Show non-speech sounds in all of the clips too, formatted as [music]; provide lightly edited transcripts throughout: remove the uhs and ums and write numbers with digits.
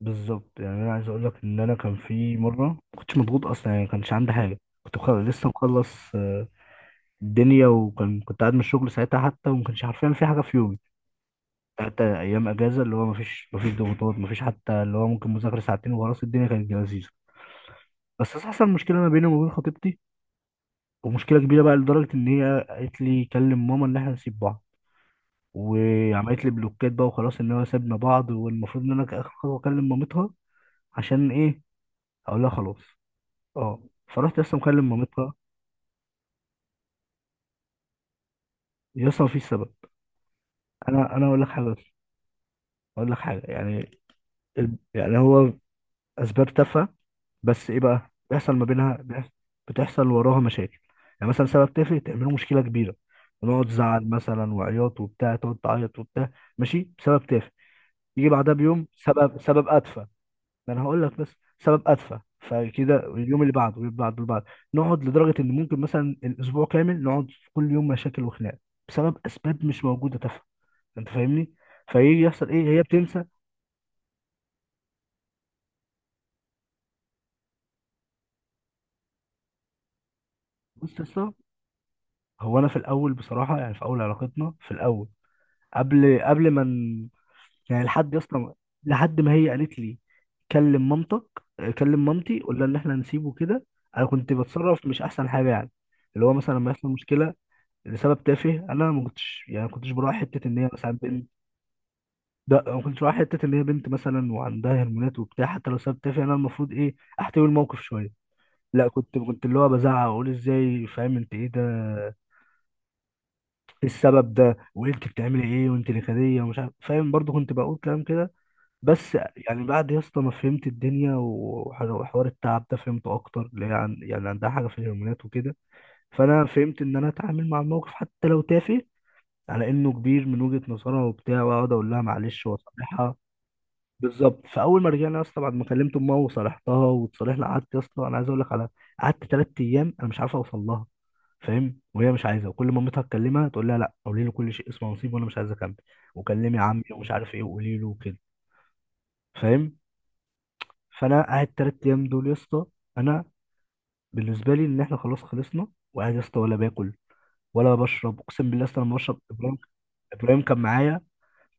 بالظبط، يعني انا عايز اقول لك ان انا كان في مره ما كنتش مضغوط اصلا، يعني ما كانش عندي حاجه. كنت مخلص، لسه مخلص الدنيا. كنت قاعد من الشغل ساعتها، حتى وما كانش عارفين في حاجه في يومي، حتى ايام اجازه. اللي هو ما فيش ضغوطات، ما فيش حتى اللي هو ممكن مذاكره ساعتين وخلاص. الدنيا كانت لذيذه. بس حصل مشكله ما بيني وما بين خطيبتي، ومشكله كبيره بقى لدرجه ان هي قالت لي كلم ماما ان احنا نسيب بعض. وعملت لي بلوكات بقى وخلاص ان هو سابنا بعض، والمفروض ان انا كاخر خطوه اكلم مامتها. عشان ايه؟ اقول لها خلاص. اه، فرحت لسه مكلم مامتها. لسه مفيش سبب. انا اقول لك حاجه بس، اقول لك حاجه يعني. يعني هو اسباب تافهه. بس ايه بقى بيحصل ما بينها؟ بتحصل وراها مشاكل. يعني مثلا سبب تافه تعمله مشكله كبيره، ونقعد زعل مثلا وعياط وبتاع، تقعد تعيط وبتاع. ماشي، بسبب تافه يجي بعدها بيوم سبب اتفه. ما انا هقول لك بس. سبب ادفع، فكده اليوم اللي بعده واللي بعده واللي بعده. نقعد لدرجه ان ممكن مثلا الاسبوع كامل نقعد كل يوم مشاكل وخناق، بسبب اسباب مش موجوده تافهه. انت فاهمني. فيجي يحصل ايه، هي بتنسى. بص يا اسطى، هو انا في الاول بصراحه، يعني في اول علاقتنا في الاول، قبل ما يعني لحد يا اسطى، لحد ما هي قالت لي كلم مامتك، كلم مامتي قول لها ان احنا هنسيبه كده. انا كنت بتصرف مش احسن حاجه يعني. اللي هو مثلا لما يحصل مشكله لسبب تافه، انا ما كنتش يعني ما كنتش براعي حته ان هي مثلا بنت. ده ما كنتش براعي حته ان هي بنت مثلا، وعندها هرمونات وبتاع. حتى لو سبب تافه، انا المفروض ايه؟ احتوي الموقف شويه. لا، كنت اللي هو بزعق واقول ازاي، فاهم، انت ايه ده، ايه السبب ده، وانت بتعملي ايه، وانت نكديه، ومش عارف فاهم، برضو كنت بقول كلام كده. بس يعني بعد يا اسطى ما فهمت الدنيا وحوار التعب ده فهمته اكتر، اللي هي يعني عندها حاجه في الهرمونات وكده. فانا فهمت ان انا اتعامل مع الموقف حتى لو تافه على انه كبير من وجهة نظرها وبتاع، واقعد اقول لها معلش واصالحها. بالظبط. فاول ما رجعنا يا اسطى، بعد ما كلمت امها وصالحتها وتصالحنا، قعدت يا اسطى، انا عايز اقول لك على، قعدت ثلاث ايام انا مش عارف اوصل لها، فاهم، وهي مش عايزه. وكل ما مامتها تكلمها تقول لها لا قولي له كل شيء اسمه نصيب، وانا مش عايزه اكمل، وكلمي عمي ومش عارف ايه، وقولي له وكده. فاهم. فانا قاعد 3 ايام دول يا اسطى، انا بالنسبه لي ان احنا خلاص خلصنا. وقاعد يا اسطى ولا باكل ولا بشرب. اقسم بالله يا اسطى، لما بشرب ابراهيم، ابراهيم كان معايا.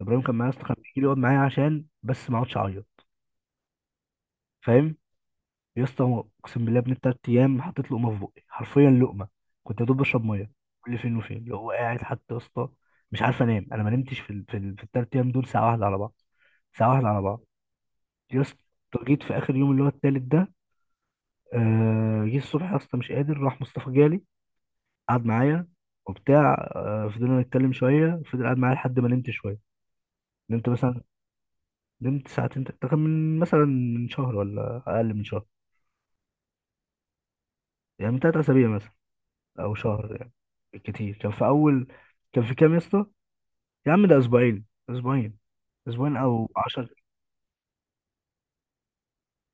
ابراهيم كان معايا يا اسطى، كان بيجي لي يقعد معايا عشان بس ما اقعدش اعيط. فاهم. يا اسطى، هو اقسم بالله ابن التلات ايام حطيت لقمه في بقي، حرفيا لقمه. كنت يا دوب بشرب ميه كل فين وفين. اللي هو قاعد حتى يا اسطى، مش عارف انام. انا ما نمتش في ال3 ايام دول ساعه واحده على بعض. ساعه واحده على بعض. يا اسطى، جيت في اخر يوم اللي هو التالت ده، جه الصبح يا اسطى مش قادر، راح مصطفى جالي، قعد معايا وبتاع. فضلنا نتكلم شويه، فضل قاعد معايا لحد ما نمت شويه. نمت مثلا، نمت ساعتين تلاتة. ده كان من مثلا من شهر ولا أقل من شهر، يعني من 3 أسابيع مثلا، أو شهر يعني. بالكتير، كان في أول، كان في كام يا اسطى؟ يا عم ده أسبوعين. أسبوعين. أسبوعين أو عشر.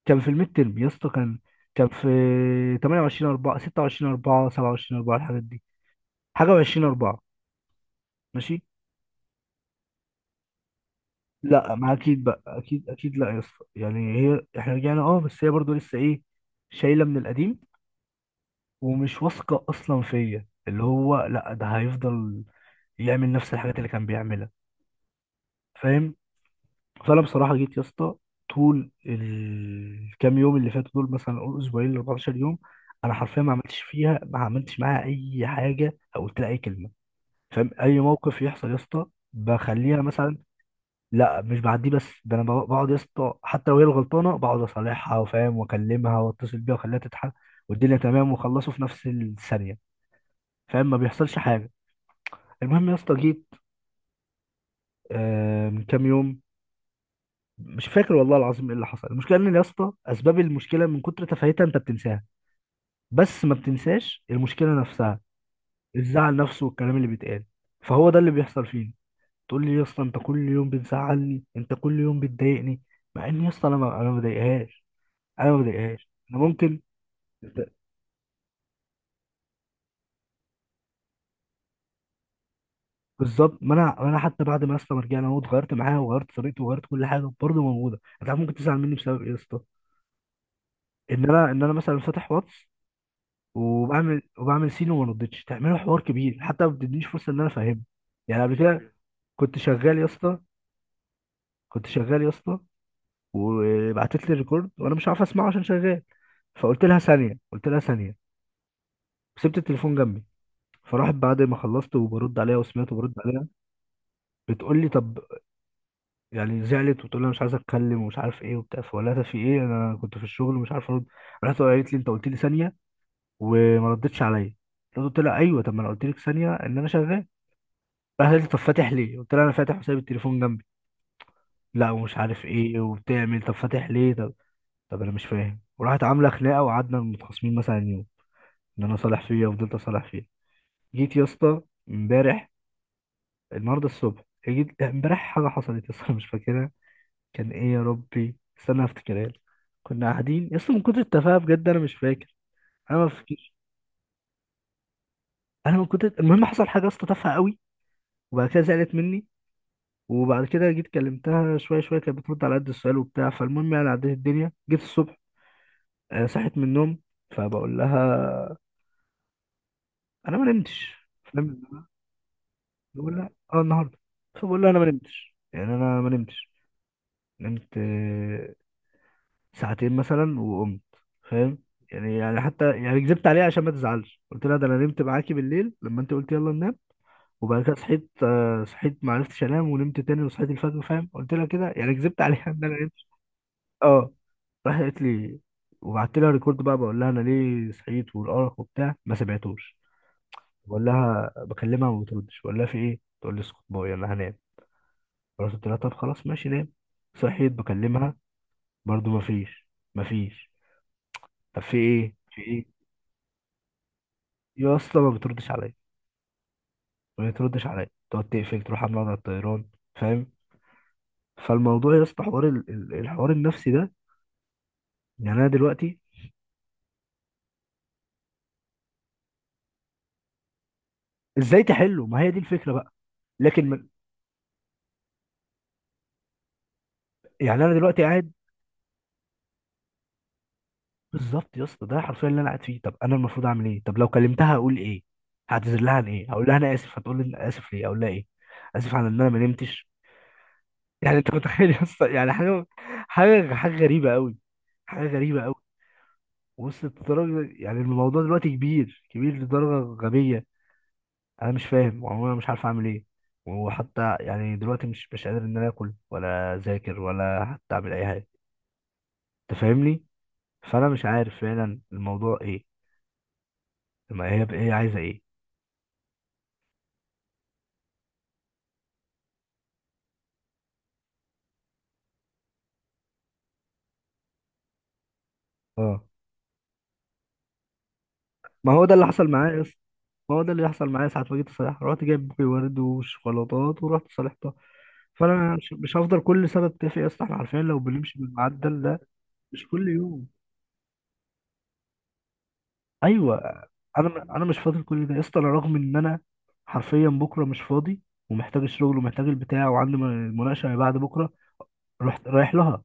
كان في الميد ترم يا اسطى، كان كان في 28 4 26 4 27 4 الحاجات دي، حاجة و20 4. ماشي؟ لا ما، أكيد بقى، أكيد أكيد. لا يا اسطى يعني هي، إحنا رجعنا أه، بس هي برضه لسه إيه، شايلة من القديم، ومش واثقة أصلا فيا، اللي هو لا ده هيفضل يعمل نفس الحاجات اللي كان بيعملها. فاهم. فانا بصراحه جيت يا اسطى طول الكام يوم اللي فاتوا دول، مثلا اقول اسبوعين ل 14 يوم، انا حرفيا ما عملتش فيها، ما عملتش معاها اي حاجه او قلت لها اي كلمه. فاهم. اي موقف يحصل يا اسطى بخليها مثلا. لا مش بعديه، بس ده انا بقعد يا اسطى حتى لو هي الغلطانه بقعد اصالحها وفاهم واكلمها واتصل بيها واخليها تضحك والدنيا تمام، وخلصوا في نفس الثانيه. فاهم. ما بيحصلش حاجه. المهم يا اسطى، جيت آه من كام يوم، مش فاكر والله العظيم ايه اللي حصل. المشكله ان يا اسطى اسباب المشكله من كتر تفاهتها انت بتنساها، بس ما بتنساش المشكله نفسها. الزعل نفسه والكلام اللي بيتقال، فهو ده اللي بيحصل فينا. تقول لي يا اسطى انت كل يوم بتزعلني، انت كل يوم بتضايقني، مع ان يا اسطى انا ما بضايقهاش. انا ما بضايقهاش. انا ممكن. بالظبط، ما انا حتى بعد ما يا اسطى ما رجعنا اهو، اتغيرت معاها وغيرت طريقتي وغيرت كل حاجه برضه موجوده. انت عارف ممكن تزعل مني بسبب ايه يا اسطى؟ ان انا مثلا فاتح واتس، وبعمل سين وما ردتش، تعملوا حوار كبير، حتى ما بتدينيش فرصه ان انا افهمها. يعني قبل كده كنت شغال يا اسطى. كنت شغال يا اسطى وبعتت لي الريكورد وانا مش عارف اسمعه عشان شغال. فقلت لها ثانيه، قلت لها ثانيه. سبت التليفون جنبي، فراحت بعد ما خلصت وبرد عليها وسمعت وبرد عليها. بتقول لي طب، يعني زعلت، وتقول لي أنا مش عايزه اتكلم ومش عارف ايه وبتاع. فقلت لها ده في ايه، انا كنت في الشغل ومش عارف ارد. رحت قالت لي انت قلت لي ثانيه وما ردتش عليا. قلت لها ايوه، طب ما انا قلت لك ثانيه ان انا شغال. راح قال لي طب فاتح ليه؟ قلت له انا فاتح وسايب التليفون جنبي. لا ومش عارف ايه، وبتعمل طب فاتح ليه؟ طب، طب انا مش فاهم. وراحت عامله خناقه وقعدنا متخاصمين مثلا يوم، ان انا صالح فيها، وفضلت اصالح فيها. جيت يا اسطى، امبارح، النهارده الصبح، جيت لا، امبارح حاجه حصلت يا اسطى مش فاكرها. كان ايه يا ربي، استنى افتكرها لك. كنا قاعدين يا اسطى، من كتر التفاهه بجد انا مش فاكر. انا ما افتكرش. انا من كتر المهم حصل حاجه يا اسطى تافهه قوي. وبعد كده زعلت مني، وبعد كده جيت كلمتها، شويه شويه كانت بترد على قد السؤال وبتاع. فالمهم يعني عديت الدنيا، جيت الصبح صحيت من النوم. فبقول لها انا ما نمتش. فاهم. بقول لها اه النهارده. فبقول لها انا ما نمتش، يعني انا ما نمتش. نمت ساعتين مثلا وقمت. فاهم. يعني حتى يعني كذبت عليها عشان ما تزعلش، قلت لها ده انا نمت معاكي بالليل لما انت قلت يلا ننام. وبعد كده صحيت، صحيت، ما عرفتش انام، ونمت تاني وصحيت الفجر. فاهم. قلت لها كده يعني، كذبت عليها [laughs] ان انا نمت. اه. راح قالت لي، وبعت لها ريكورد بقى، بقول لها انا ليه صحيت والارق وبتاع، ما سمعتوش. بقول لها، بكلمها ما بتردش. بقول لها في ايه، تقول لي اسكت بقى يلا هنام. خلاص قلت لها طب خلاص ماشي نام. صحيت بكلمها، برضو ما فيش، ما فيش. طب في ايه؟ في ايه؟ يا اصلا ما بتردش عليا، ما بتردش عليا. تقعد تقفل، تروح عامله على الطيران. فاهم. فالموضوع يا اسطى، الحوار النفسي ده. يعني انا دلوقتي، ازاي تحله؟ ما هي دي الفكره بقى. لكن يعني انا دلوقتي قاعد. بالظبط يا اسطى، ده حرفيا اللي انا قاعد فيه. طب انا المفروض اعمل ايه؟ طب لو كلمتها اقول ايه؟ هعتذر لها عن ايه؟ هقول لها انا اسف، هتقول لي انا اسف ليه، اقول لها ايه؟ اسف على ان انا ما نمتش. يعني انت متخيل يا اسطى، يعني حاجه، حاجه غريبه قوي. حاجه غريبه قوي. وصلت لدرجه، يعني الموضوع دلوقتي كبير كبير لدرجه غبيه. انا مش فاهم، وانا مش عارف اعمل ايه. وحتى يعني دلوقتي مش قادر ان انا اكل ولا اذاكر ولا حتى اعمل اي حاجه. انت فاهمني. فانا مش عارف فعلا الموضوع ايه. ما هي هي عايزه ايه. اه، ما هو ده اللي حصل معايا يا اسطى، ما هو ده اللي يحصل معايا، ساعة ما جيت صالحها رحت جايب بوكي ورد وشوكولاتات ورحت صالحتها. فانا مش هفضل كل سنة اتفق يا اسطى. احنا عارفين لو بنمشي بالمعدل ده مش كل يوم. ايوه. انا مش فاضل كل ده يا اسطى. انا رغم ان انا حرفيا بكره مش فاضي، ومحتاج الشغل ومحتاج البتاع، وعندي مناقشة اللي بعد بكره. رحت رايح لها،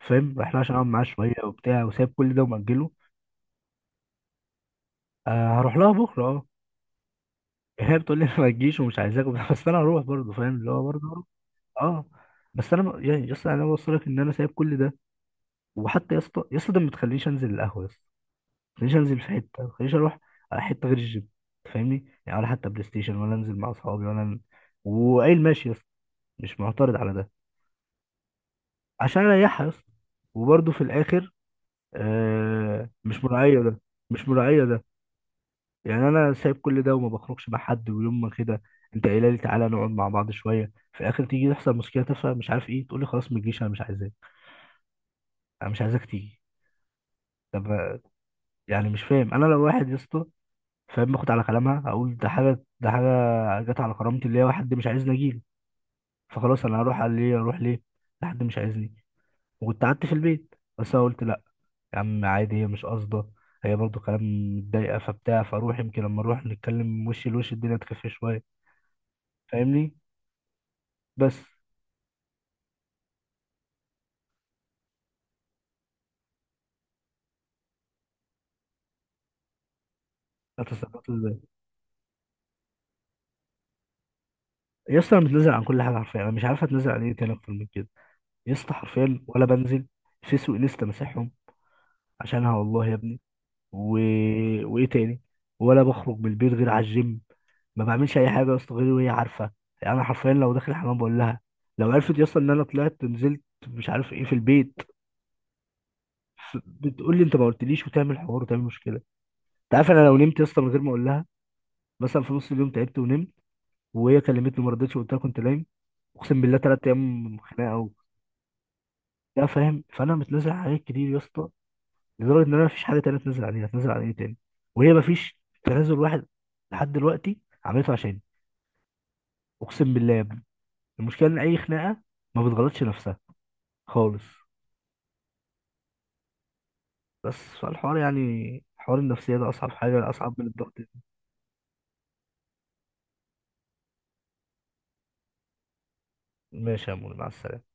فاهم، رايح لها عشان اقعد معاها شوية وبتاع، وسايب كل ده ومأجله. آه هروح لها بكره اه. هي بتقول لي [laughs] ما تجيش ومش عايزاك وبتاع، بس انا هروح برضه، فاهم، اللي هو برضه اه. بس انا يعني يا اسطى، يعني انا بوصلك ان انا سايب كل ده. وحتى يا اسطى، يا اسطى ده، ما تخلينيش انزل القهوه يا اسطى، ما تخلينيش انزل في حته، ما تخلينيش اروح على حته غير الجيم. أنت فاهمني، يعني ولا حتى بلاي ستيشن، ولا انزل مع اصحابي، ولا وقايل ماشي يا اسطى، مش معترض على ده. عشان اريحها يا اسطى. وبرده في الاخر آه مش مراعيه ده. مش مراعيه ده. يعني انا سايب كل ده وما بخرجش مع حد، ويوم ما كده، انت قايله لي تعالى نقعد مع بعض شويه، في الاخر تيجي تحصل مشكله تافهه مش عارف ايه، تقول لي خلاص ما تجيش انا مش عايزاك. انا مش عايزاك تيجي. طب، يعني مش فاهم. انا لو واحد يا اسطى، فاهم، باخد على كلامها، اقول ده حاجه، ده حاجه جت على كرامتي، اللي هي واحد مش عايزني اجيله، فخلاص انا هروح على ليه؟ اروح ليه؟ ده حد مش عايزني. وكنت قعدت في البيت، بس انا قلت لا، يا عم عادي، هي مش قاصده، هي برضو كلام متضايقه فبتاع، فاروح يمكن لما اروح نتكلم وش لوش الدنيا تخف شويه. فاهمني. بس اتصرفت ازاي؟ يا اسطى انا متنازل عن كل حاجه حرفيا، انا مش عارف اتنازل عن ايه تاني اكتر من كده. يا اسطى حرفيا ولا بنزل فيس وانستا، مسحهم عشانها والله يا ابني. و... وايه تاني، ولا بخرج من البير غير على الجيم. ما بعملش اي حاجه يا اسطى غير وهي عارفه. يعني انا حرفيا لو داخل الحمام بقول لها. لو عرفت يا اسطى ان انا طلعت نزلت مش عارف ايه في البيت، بتقول لي انت ما قلتليش وتعمل حوار وتعمل مشكله. انت عارف انا لو نمت يا اسطى من غير ما اقول لها، مثلا في نص اليوم تعبت ونمت، وهي كلمتني ما ردتش وقلت لها كنت نايم، اقسم بالله 3 ايام خناقه. و... لا فاهم. فانا متنازل عن حاجات كتير يا اسطى لدرجه ان انا مفيش حاجه تانيه اتنازل عليها. اتنازل عن ايه تاني؟ وهي مفيش تنازل واحد لحد دلوقتي عملته عشان، اقسم بالله يا ابني، المشكله ان اي خناقه ما بتغلطش نفسها خالص. بس فالحوار يعني، حوار النفسيه ده اصعب حاجه، اصعب من الضغط. ماشي يا مول، مع السلامه.